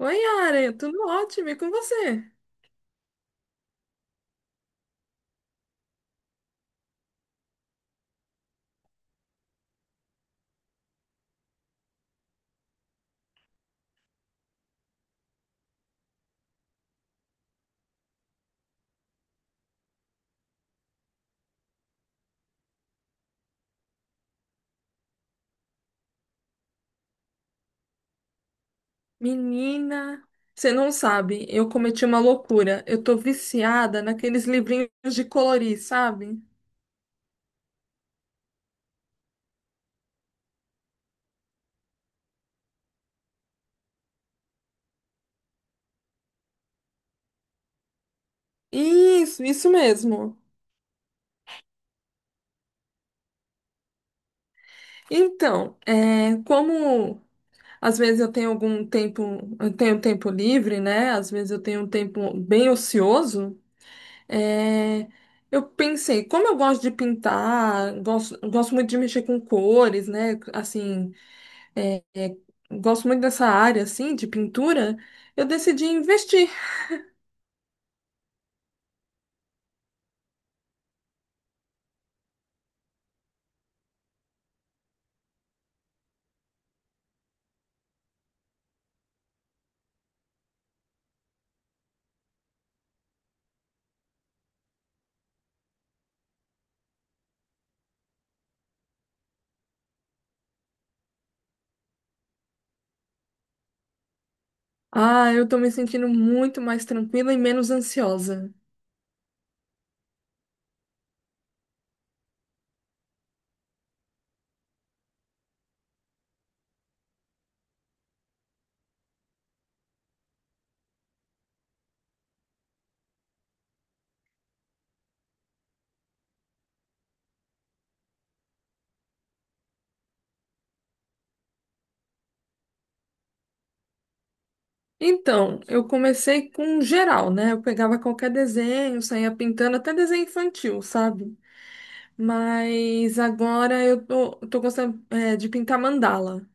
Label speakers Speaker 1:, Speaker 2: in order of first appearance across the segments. Speaker 1: Oi, Yara, tudo ótimo, e com você? Menina, você não sabe, eu cometi uma loucura. Eu tô viciada naqueles livrinhos de colorir, sabe? Isso mesmo. Então, como às vezes eu tenho algum tempo, eu tenho tempo livre, né? Às vezes eu tenho um tempo bem ocioso. é, eu pensei, como eu gosto de pintar, gosto muito de mexer com cores, né? Assim, é, é, gosto muito dessa área, assim, de pintura, eu decidi investir. Ah, eu tô me sentindo muito mais tranquila e menos ansiosa. Então, eu comecei com geral, né? Eu pegava qualquer desenho, saía pintando, até desenho infantil, sabe? Mas agora eu tô gostando, de pintar mandala.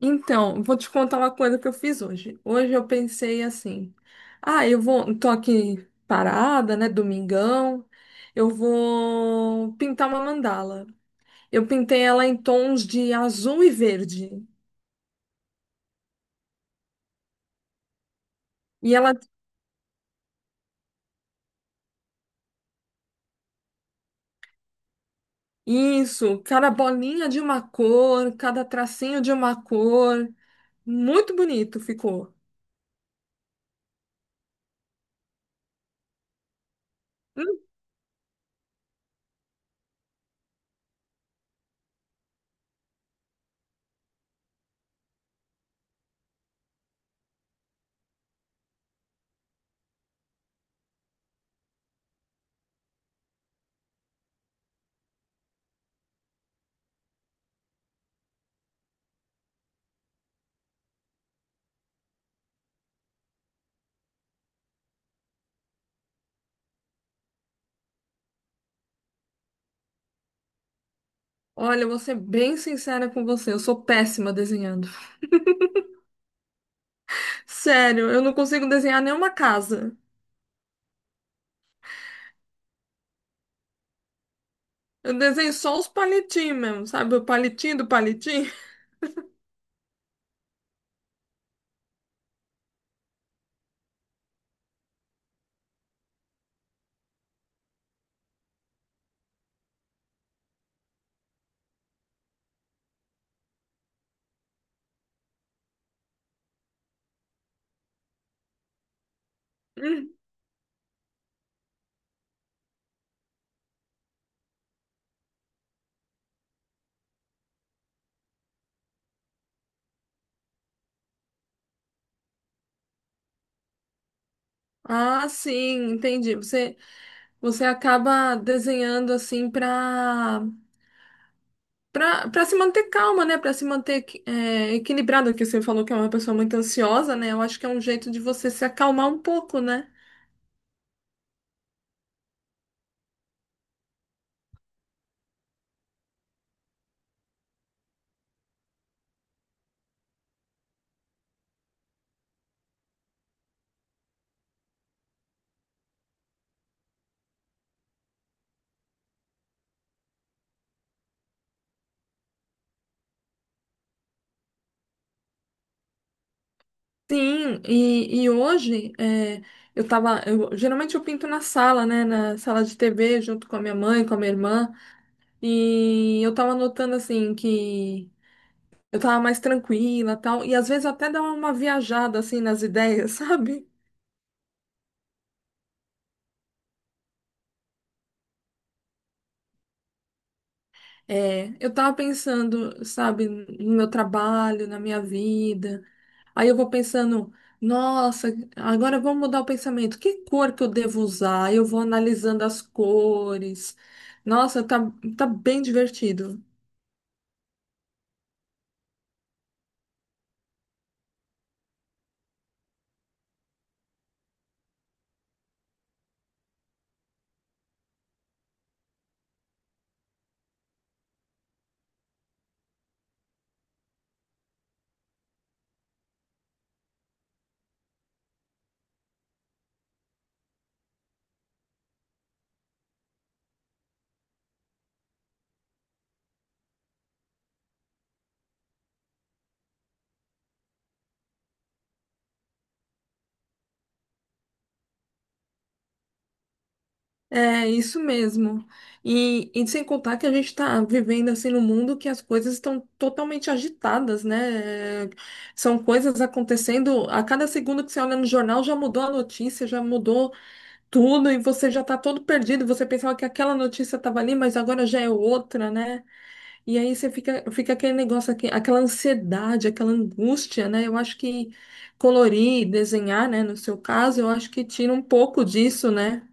Speaker 1: Então, vou te contar uma coisa que eu fiz hoje. Hoje eu pensei assim: ah, tô aqui parada, né, domingão, eu vou pintar uma mandala. Eu pintei ela em tons de azul e verde. E ela, isso, cada bolinha de uma cor, cada tracinho de uma cor. Muito bonito ficou. Hum. Olha, eu vou ser bem sincera com você, eu sou péssima desenhando. Sério, eu não consigo desenhar nenhuma casa. Eu desenho só os palitinhos mesmo, sabe? O palitinho do palitinho. Hum. Ah, sim, entendi. Você acaba desenhando assim pra se manter calma, né? Pra se manter equilibrada, que você falou que é uma pessoa muito ansiosa, né? Eu acho que é um jeito de você se acalmar um pouco, né? Sim, e hoje geralmente eu pinto na sala, né? Na sala de TV, junto com a minha mãe, com a minha irmã. E eu tava notando assim que. Eu tava mais tranquila, tal, e às vezes até dá uma viajada assim nas ideias, sabe? É, eu tava pensando, sabe, no meu trabalho, na minha vida. Aí eu vou pensando, nossa, agora eu vou mudar o pensamento. Que cor que eu devo usar? Eu vou analisando as cores. Nossa, tá bem divertido. É isso mesmo. E sem contar que a gente está vivendo assim num mundo que as coisas estão totalmente agitadas, né? São coisas acontecendo a cada segundo que você olha no jornal já mudou a notícia, já mudou tudo e você já está todo perdido. Você pensava que aquela notícia estava ali, mas agora já é outra, né? E aí você fica aquele negócio aqui, aquela ansiedade, aquela angústia, né? Eu acho que colorir, desenhar, né? No seu caso, eu acho que tira um pouco disso, né?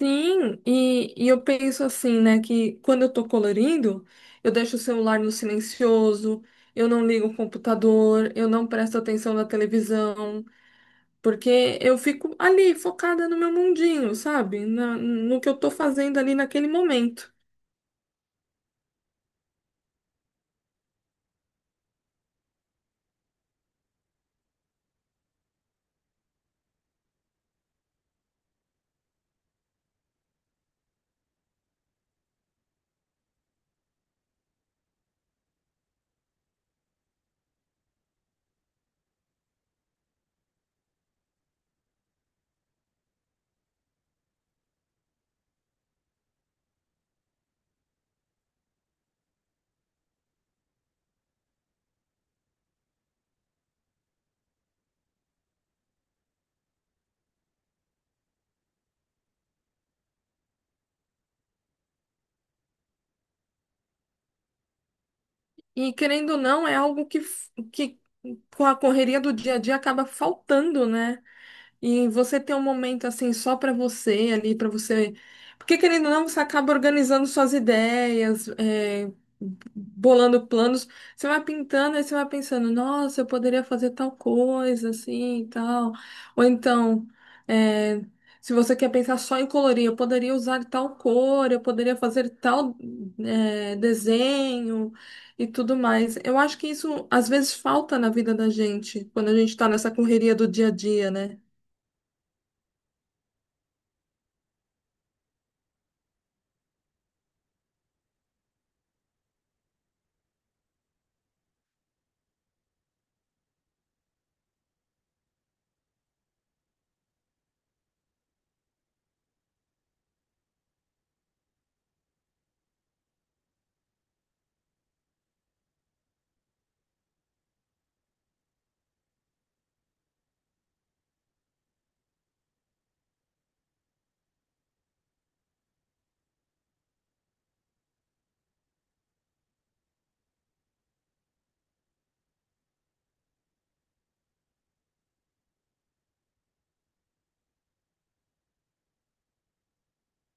Speaker 1: Sim, e eu penso assim, né, que quando eu tô colorindo, eu deixo o celular no silencioso, eu não ligo o computador, eu não presto atenção na televisão, porque eu fico ali focada no meu mundinho, sabe? No que eu tô fazendo ali naquele momento. E querendo ou não, é algo que, com a correria do dia a dia acaba faltando, né? E você ter um momento assim só para você ali, para você. Porque querendo ou não, você acaba organizando suas ideias, bolando planos. Você vai pintando e você vai pensando, nossa, eu poderia fazer tal coisa, assim e tal. Ou então, é, se você quer pensar só em colorir, eu poderia usar tal cor, eu poderia fazer tal, desenho e tudo mais. Eu acho que isso às vezes falta na vida da gente, quando a gente está nessa correria do dia a dia, né?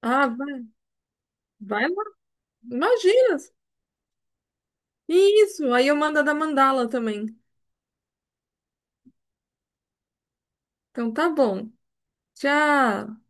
Speaker 1: Ah, vai, vai lá. Imagina! Isso, aí eu mando a da mandala também. Então tá bom. Tchau.